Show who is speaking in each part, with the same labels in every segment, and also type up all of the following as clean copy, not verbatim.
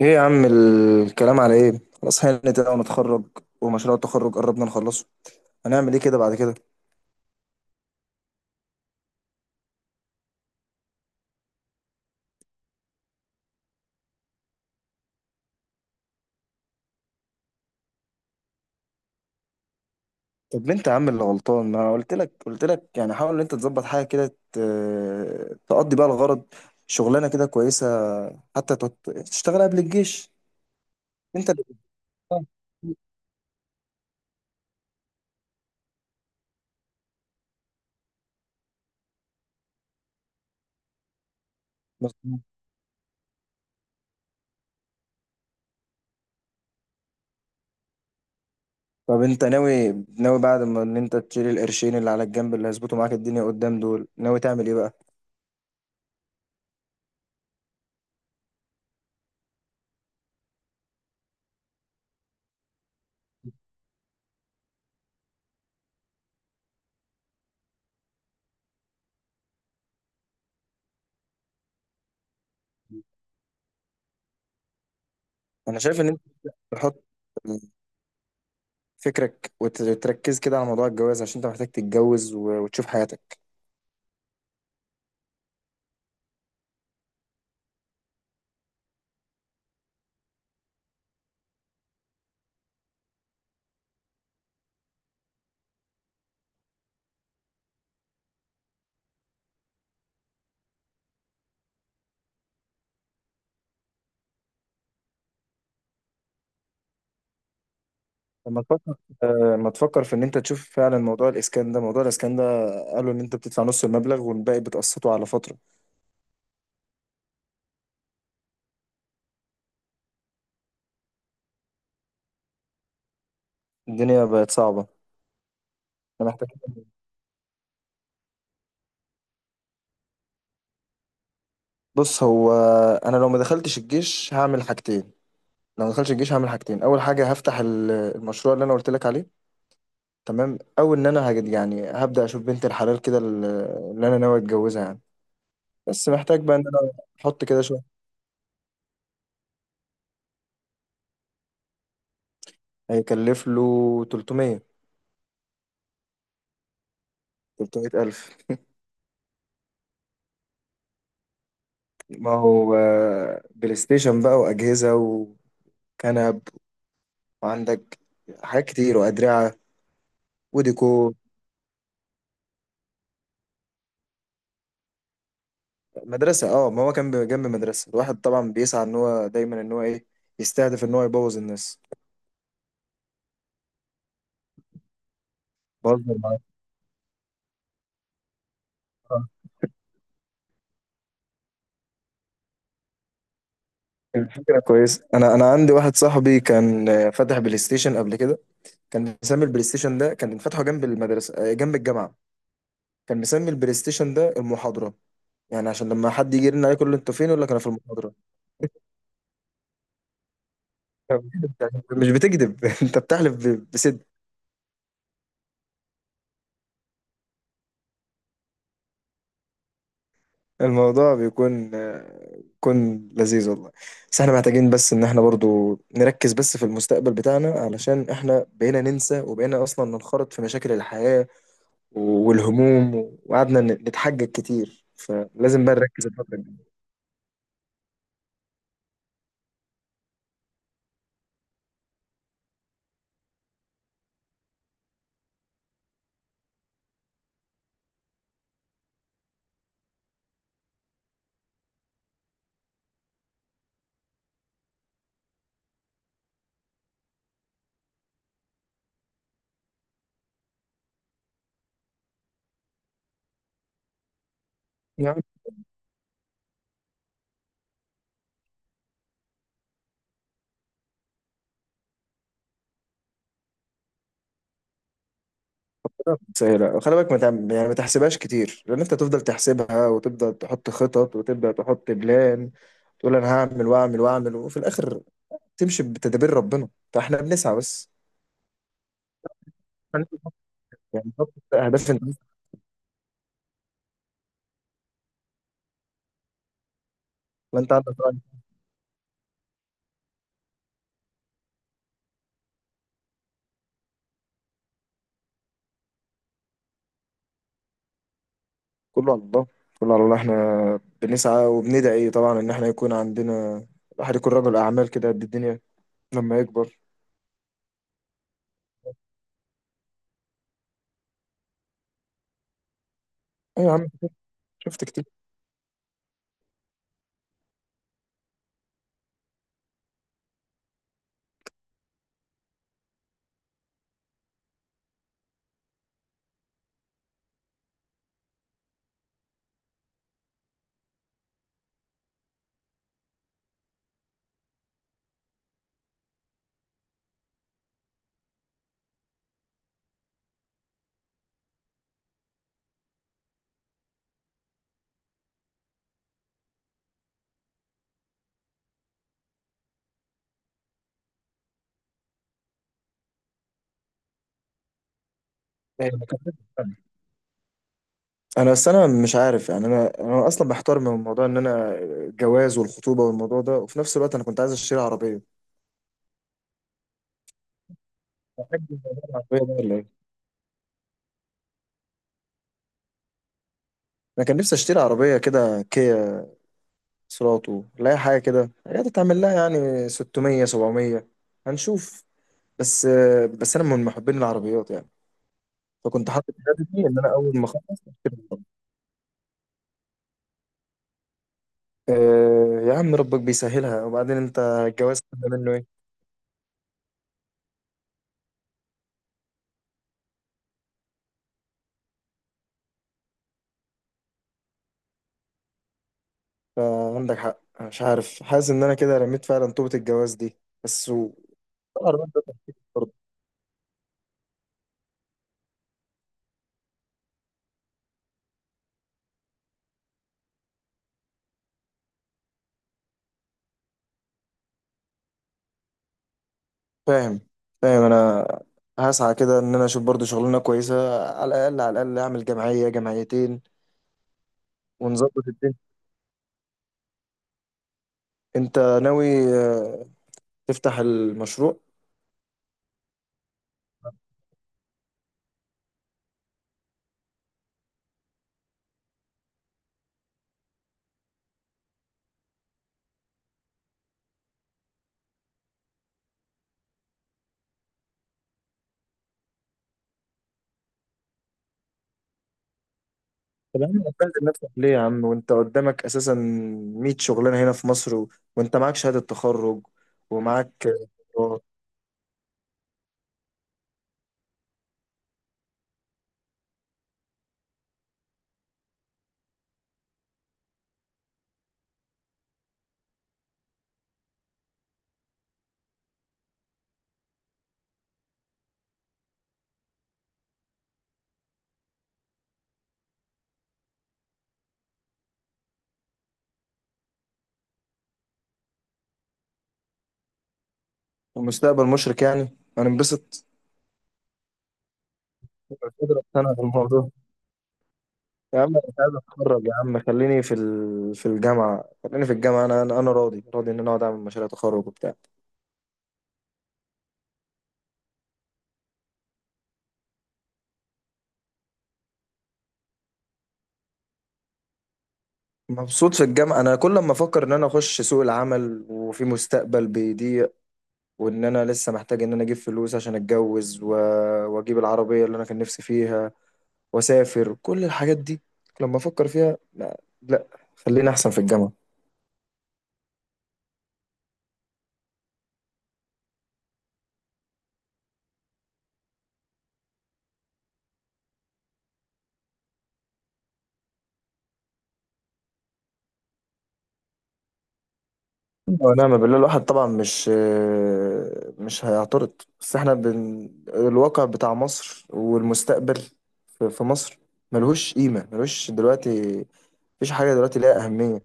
Speaker 1: ايه يا عم، الكلام على ايه؟ خلاص هانت بقى ونتخرج. ومشروع التخرج قربنا نخلصه. هنعمل ايه كده بعد كده؟ طب انت يا عم اللي غلطان، ما قلت لك يعني حاول ان انت تظبط حاجه كده، تقضي بقى الغرض. شغلانه كده كويسه، حتى تشتغل قبل الجيش. انت اللي غلطان. مظبوط. طب انت ناوي، بعد ما ان انت تشيل القرشين اللي على الجنب اللي هيظبطوا معاك الدنيا قدام دول، ناوي تعمل ايه بقى؟ انا شايف ان انت تحط فكرك وتركز كده على موضوع الجواز، عشان انت محتاج تتجوز وتشوف حياتك. لما تفكر، في ان انت تشوف فعلا موضوع الاسكان ده، قالوا ان انت بتدفع نص المبلغ والباقي بتقسطه على فترة. الدنيا بقت صعبة. انا محتاج. بص، هو انا لو ما دخلتش الجيش هعمل حاجتين. اول حاجة هفتح المشروع اللي انا قلت لك عليه، تمام؟ او ان انا هجد يعني، هبدأ اشوف بنت الحلال كده، اللي انا ناوي اتجوزها يعني. بس محتاج بقى ان انا احط كده شوية. هيكلف له 300. 300,000. ما هو آه، بلاي ستيشن بقى وأجهزة وكنب، وعندك حاجات كتير، وأدرعة وديكور. مدرسة؟ اه، ما هو كان جنب مدرسة، الواحد طبعا بيسعى ان هو دايما ان هو ايه، يستهدف ان هو يبوظ الناس. بهزر معاك. آه. الفكرة كويس، انا عندي واحد صاحبي كان آه، فتح بلاي ستيشن قبل كده. كان مسمي البلاي ستيشن ده، كان فاتحه جنب المدرسة آه، جنب الجامعة. كان مسمي البلاي ستيشن ده المحاضرة، يعني عشان لما حد يجي يرن عليه يقول له انتوا فين، يقول لك انا في المحاضرة. مش بتكذب انت بتحلف بصدق. الموضوع بيكون آه، بيكون لذيذ والله. بس احنا محتاجين بس ان احنا برضو نركز بس في المستقبل بتاعنا، علشان احنا بقينا ننسى وبقينا اصلا ننخرط في مشاكل الحياة والهموم، وقعدنا نتحجج كتير، فلازم بقى نركز الفترة دي. يا عم رب سهلة، خلي بالك، ما تعم- يعني ما تحسبهاش كتير، لان انت تفضل تحسبها وتبدا تحط خطط وتبدا تحط بلان، تقول انا هعمل واعمل واعمل، وفي الاخر تمشي بتدابير ربنا، فاحنا بنسعى بس. أنا- يعني حط اهداف انت، ما انت عندك رأي. كله على الله. احنا بنسعى وبندعي طبعا ان احنا يكون عندنا، الواحد يكون رجل اعمال كده قد الدنيا لما يكبر. ايه يا عم؟ شفت كتير. انا بس انا مش عارف يعني، انا اصلا محتار من موضوع ان انا الجواز والخطوبه والموضوع ده، وفي نفس الوقت انا كنت عايز اشتري عربيه. عربيه بقى ولا ايه؟ انا كان نفسي اشتري عربيه كده كيا سلاطو، لا حاجة كده هي تتعمل لها يعني 600 700. هنشوف. بس أنا من محبين العربيات يعني، فكنت حاطط هدفي إن أنا أول ما أخلص أشتري عربية. أه يا عم، ربك بيسهلها، وبعدين أنت الجواز ده منه إيه؟ فعندك حق، أنا مش عارف، حاسس إن أنا كده رميت فعلا طوبة الجواز دي، بس و... العربيات ده تفكير برضه. فاهم. فاهم أنا. هسعى كده إن أنا أشوف برضه شغلانة كويسة، على الأقل أعمل جمعية جمعيتين ونظبط. انت ناوي آه، تفتح المشروع؟ طب يا عم هتبهدل نفسك ليه يا عم، وانت قدامك اساسا 100 شغلانه هنا في مصر و... وانت معاك شهاده تخرج ومعاك آه، ومستقبل مشرق يعني. انا انبسط. مش قادر اقتنع بالموضوع. يا عم انا مش عايز اتخرج يا عم، خليني في ال... في الجامعه. خليني في الجامعه، انا راضي، ان انا اقعد اعمل مشاريع تخرج وبتاع. مبسوط في الجامعه. انا كل ما افكر ان انا اخش سوق العمل وفي مستقبل بيضيق، وان انا لسه محتاج ان انا اجيب فلوس عشان اتجوز و... واجيب العربيه اللي انا كان نفسي فيها، واسافر، كل الحاجات دي لما افكر فيها لا, لا. خلينا احسن في الجامعه. ونعم بالله. الواحد طبعا مش هيعترض، بس احنا بن... الواقع بتاع مصر والمستقبل في مصر ملهوش قيمه، ملهوش دلوقتي. مفيش حاجه دلوقتي ليها اهميه.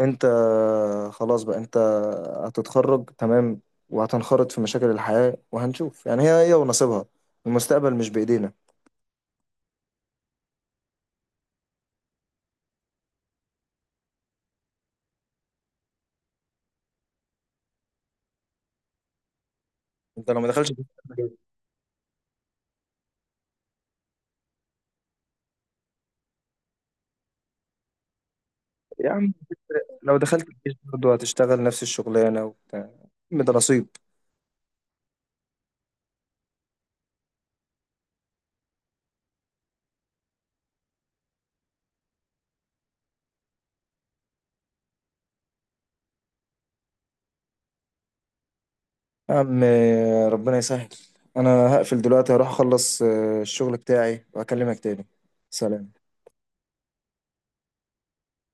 Speaker 1: انت خلاص بقى، انت هتتخرج تمام، وهتنخرط في مشاكل الحياة، وهنشوف يعني هي ونصيبها. المستقبل مش بإيدينا. انت لو ما دخلتش الجيش- يا عم لو دخلت الجيش برضه هتشتغل نفس الشغلانة وبتاع يا عم، ده نصيب. يا عم ربنا يسهل. انا هقفل دلوقتي، هروح اخلص آه، الشغل بتاعي واكلمك تاني. سلام.